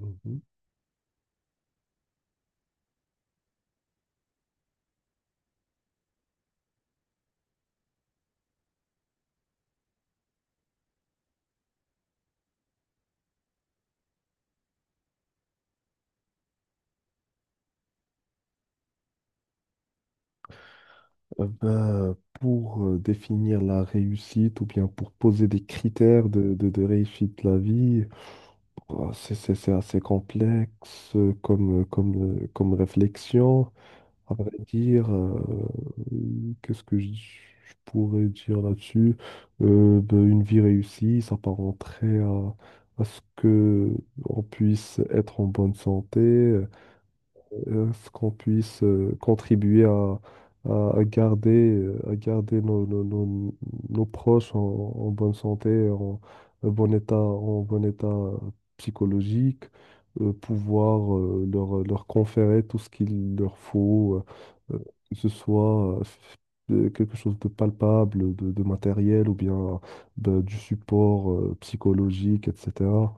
Mhm. Ben, pour définir la réussite ou bien pour poser des critères de réussite de la vie, oh, c'est assez complexe comme réflexion. À vrai dire, qu'est-ce que je pourrais dire là-dessus? Ben, une vie réussie, ça s'apparenterait à ce que on puisse être en bonne santé, qu'on puisse contribuer à garder nos proches en bonne santé, en bon état psychologique, pouvoir leur conférer tout ce qu'il leur faut, euh, euh, que ce soit quelque chose de palpable, de matériel ou bien ben, du support psychologique, etc.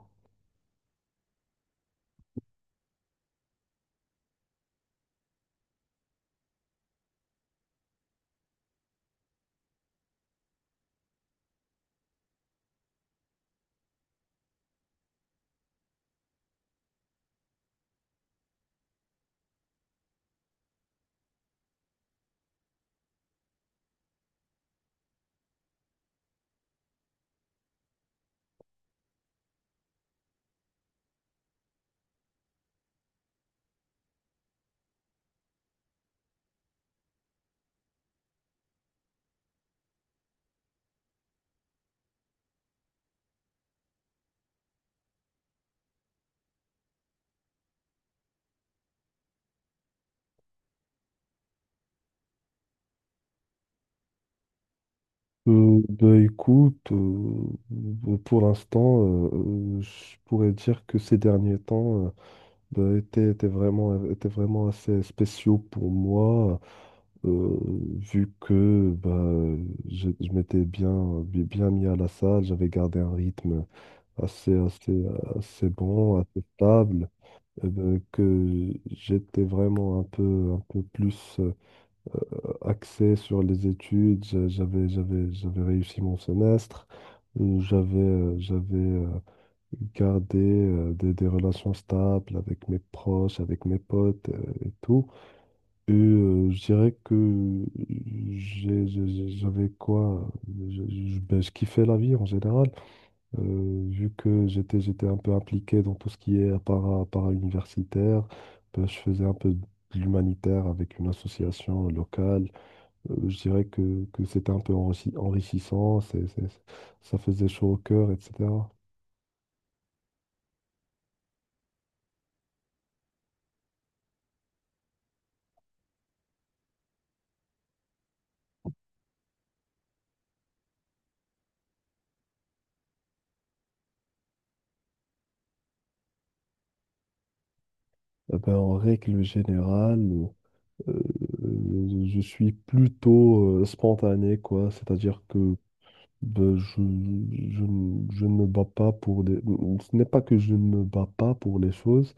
Bah, écoute, pour l'instant, je pourrais dire que ces derniers temps bah, étaient vraiment assez spéciaux pour moi, euh, vu que bah, je m'étais bien mis à la salle, j'avais gardé un rythme assez, assez, assez bon, assez stable, bah, que j'étais vraiment un peu plus axé sur les études. J'avais réussi mon semestre. J'avais gardé des relations stables avec mes proches, avec mes potes et tout. Et je dirais que j'avais quoi? Ben, je kiffais la vie en général. Vu que j'étais un peu impliqué dans tout ce qui est para-universitaire. Ben, je faisais un peu de l'humanitaire avec une association locale. Je dirais que c'était un peu enrichissant, ça faisait chaud au cœur, etc. Eh ben, en règle générale, euh, je suis plutôt spontané, quoi. C'est-à-dire que ben, je ne me bats pas pour des. Ce n'est pas que je ne me bats pas pour les choses,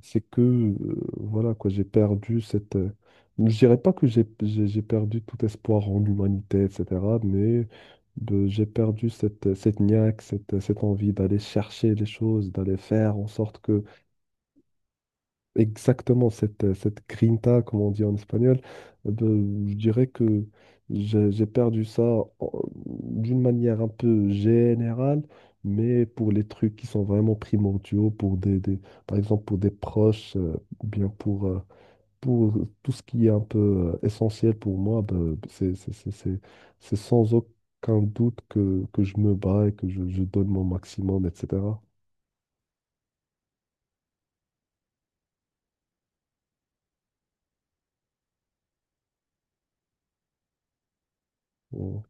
c'est que voilà quoi, j'ai perdu cette. Je dirais pas que j'ai perdu tout espoir en l'humanité, etc. Mais j'ai perdu cette niaque, cette envie d'aller chercher les choses, d'aller faire en sorte que exactement cette grinta, comme on dit en espagnol, eh ben, je dirais que j'ai perdu ça d'une manière un peu générale, mais pour les trucs qui sont vraiment primordiaux, par exemple pour des proches, ou bien pour tout ce qui est un peu essentiel pour moi, ben, c'est sans aucun doute que je me bats et que je donne mon maximum, etc. Ouais.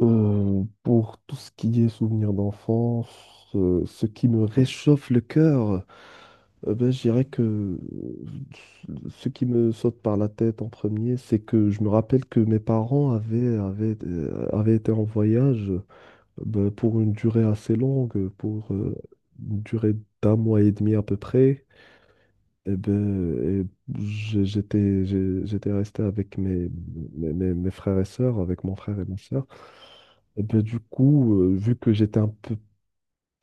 Pour tout ce qui est souvenirs d'enfance, ce qui me réchauffe le cœur, ben, je dirais que ce qui me saute par la tête en premier, c'est que je me rappelle que mes parents avaient été en voyage ben, pour une durée assez longue, pour une durée d'un mois et demi à peu près. Et ben, j'étais resté avec mes frères et sœurs, avec mon frère et ma sœur. Et ben du coup, vu que j'étais un peu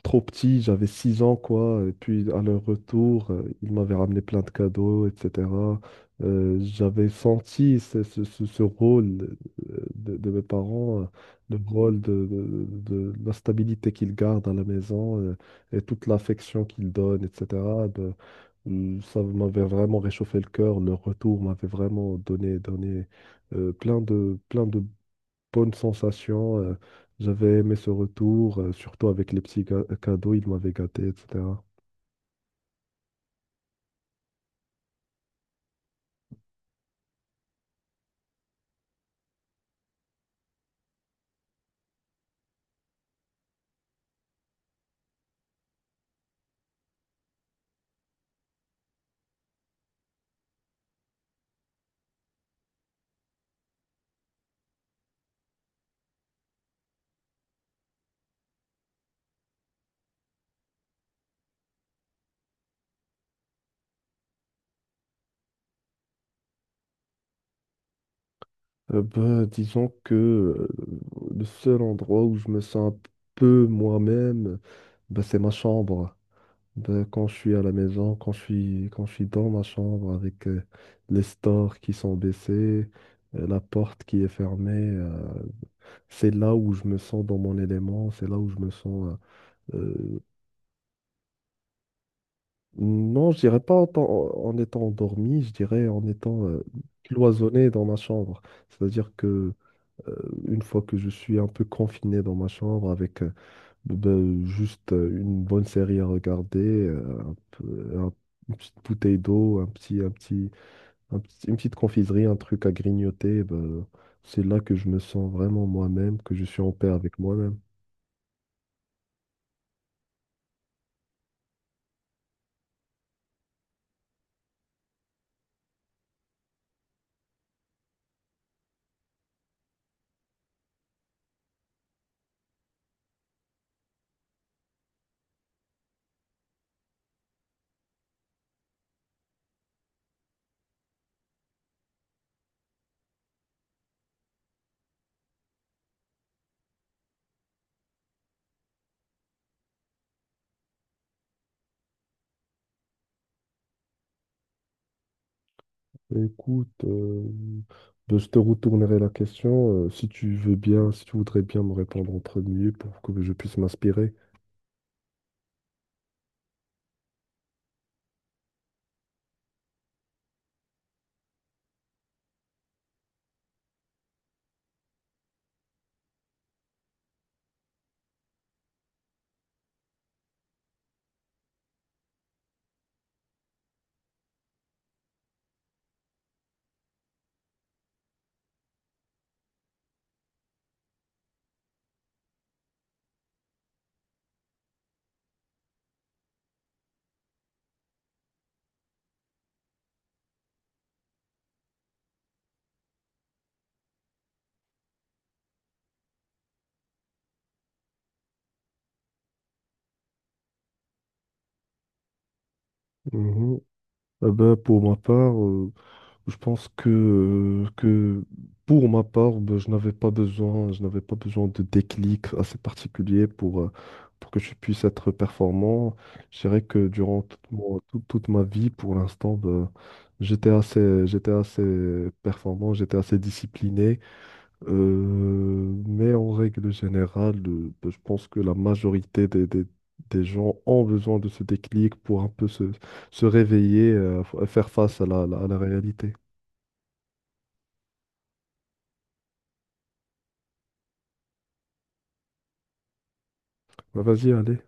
trop petit, j'avais 6 ans, quoi, et puis à leur retour, ils m'avaient ramené plein de cadeaux, etc. J'avais senti ce rôle de mes parents, le rôle de la stabilité qu'ils gardent à la maison et toute l'affection qu'ils donnent, etc. de- Ça m'avait vraiment réchauffé le cœur. Leur retour m'avait vraiment donné plein de bonne sensation. J'avais aimé ce retour, surtout avec les petits cadeaux, ils m'avaient gâté, etc. Ben, disons que le seul endroit où je me sens un peu moi-même, ben, c'est ma chambre. Ben, quand je suis à la maison, quand je suis dans ma chambre avec les stores qui sont baissés, la porte qui est fermée, c'est là où je me sens dans mon élément, c'est là où je me sens. euh, Non, je dirais pas en étant endormi, je dirais en étant cloisonné dans ma chambre. C'est-à-dire que euh, une fois que je suis un peu confiné dans ma chambre avec ben, juste une bonne série à regarder, une petite bouteille d'eau, une petite confiserie, un truc à grignoter, ben, c'est là que je me sens vraiment moi-même, que je suis en paix avec moi-même. Écoute, ben, je te retournerai la question si tu veux bien, si tu voudrais bien me répondre en premier pour que je puisse m'inspirer. Mhm. Ah ben, pour ma part, je pense que pour ma part, ben, je n'avais pas besoin de déclic assez particulier pour que je puisse être performant. Je dirais que durant toute ma vie, pour l'instant, ben, j'étais assez performant, j'étais assez discipliné. Mais en règle générale, je pense que la majorité des gens ont besoin de ce déclic pour un peu se réveiller, faire face à à la réalité. Bah, vas-y, allez.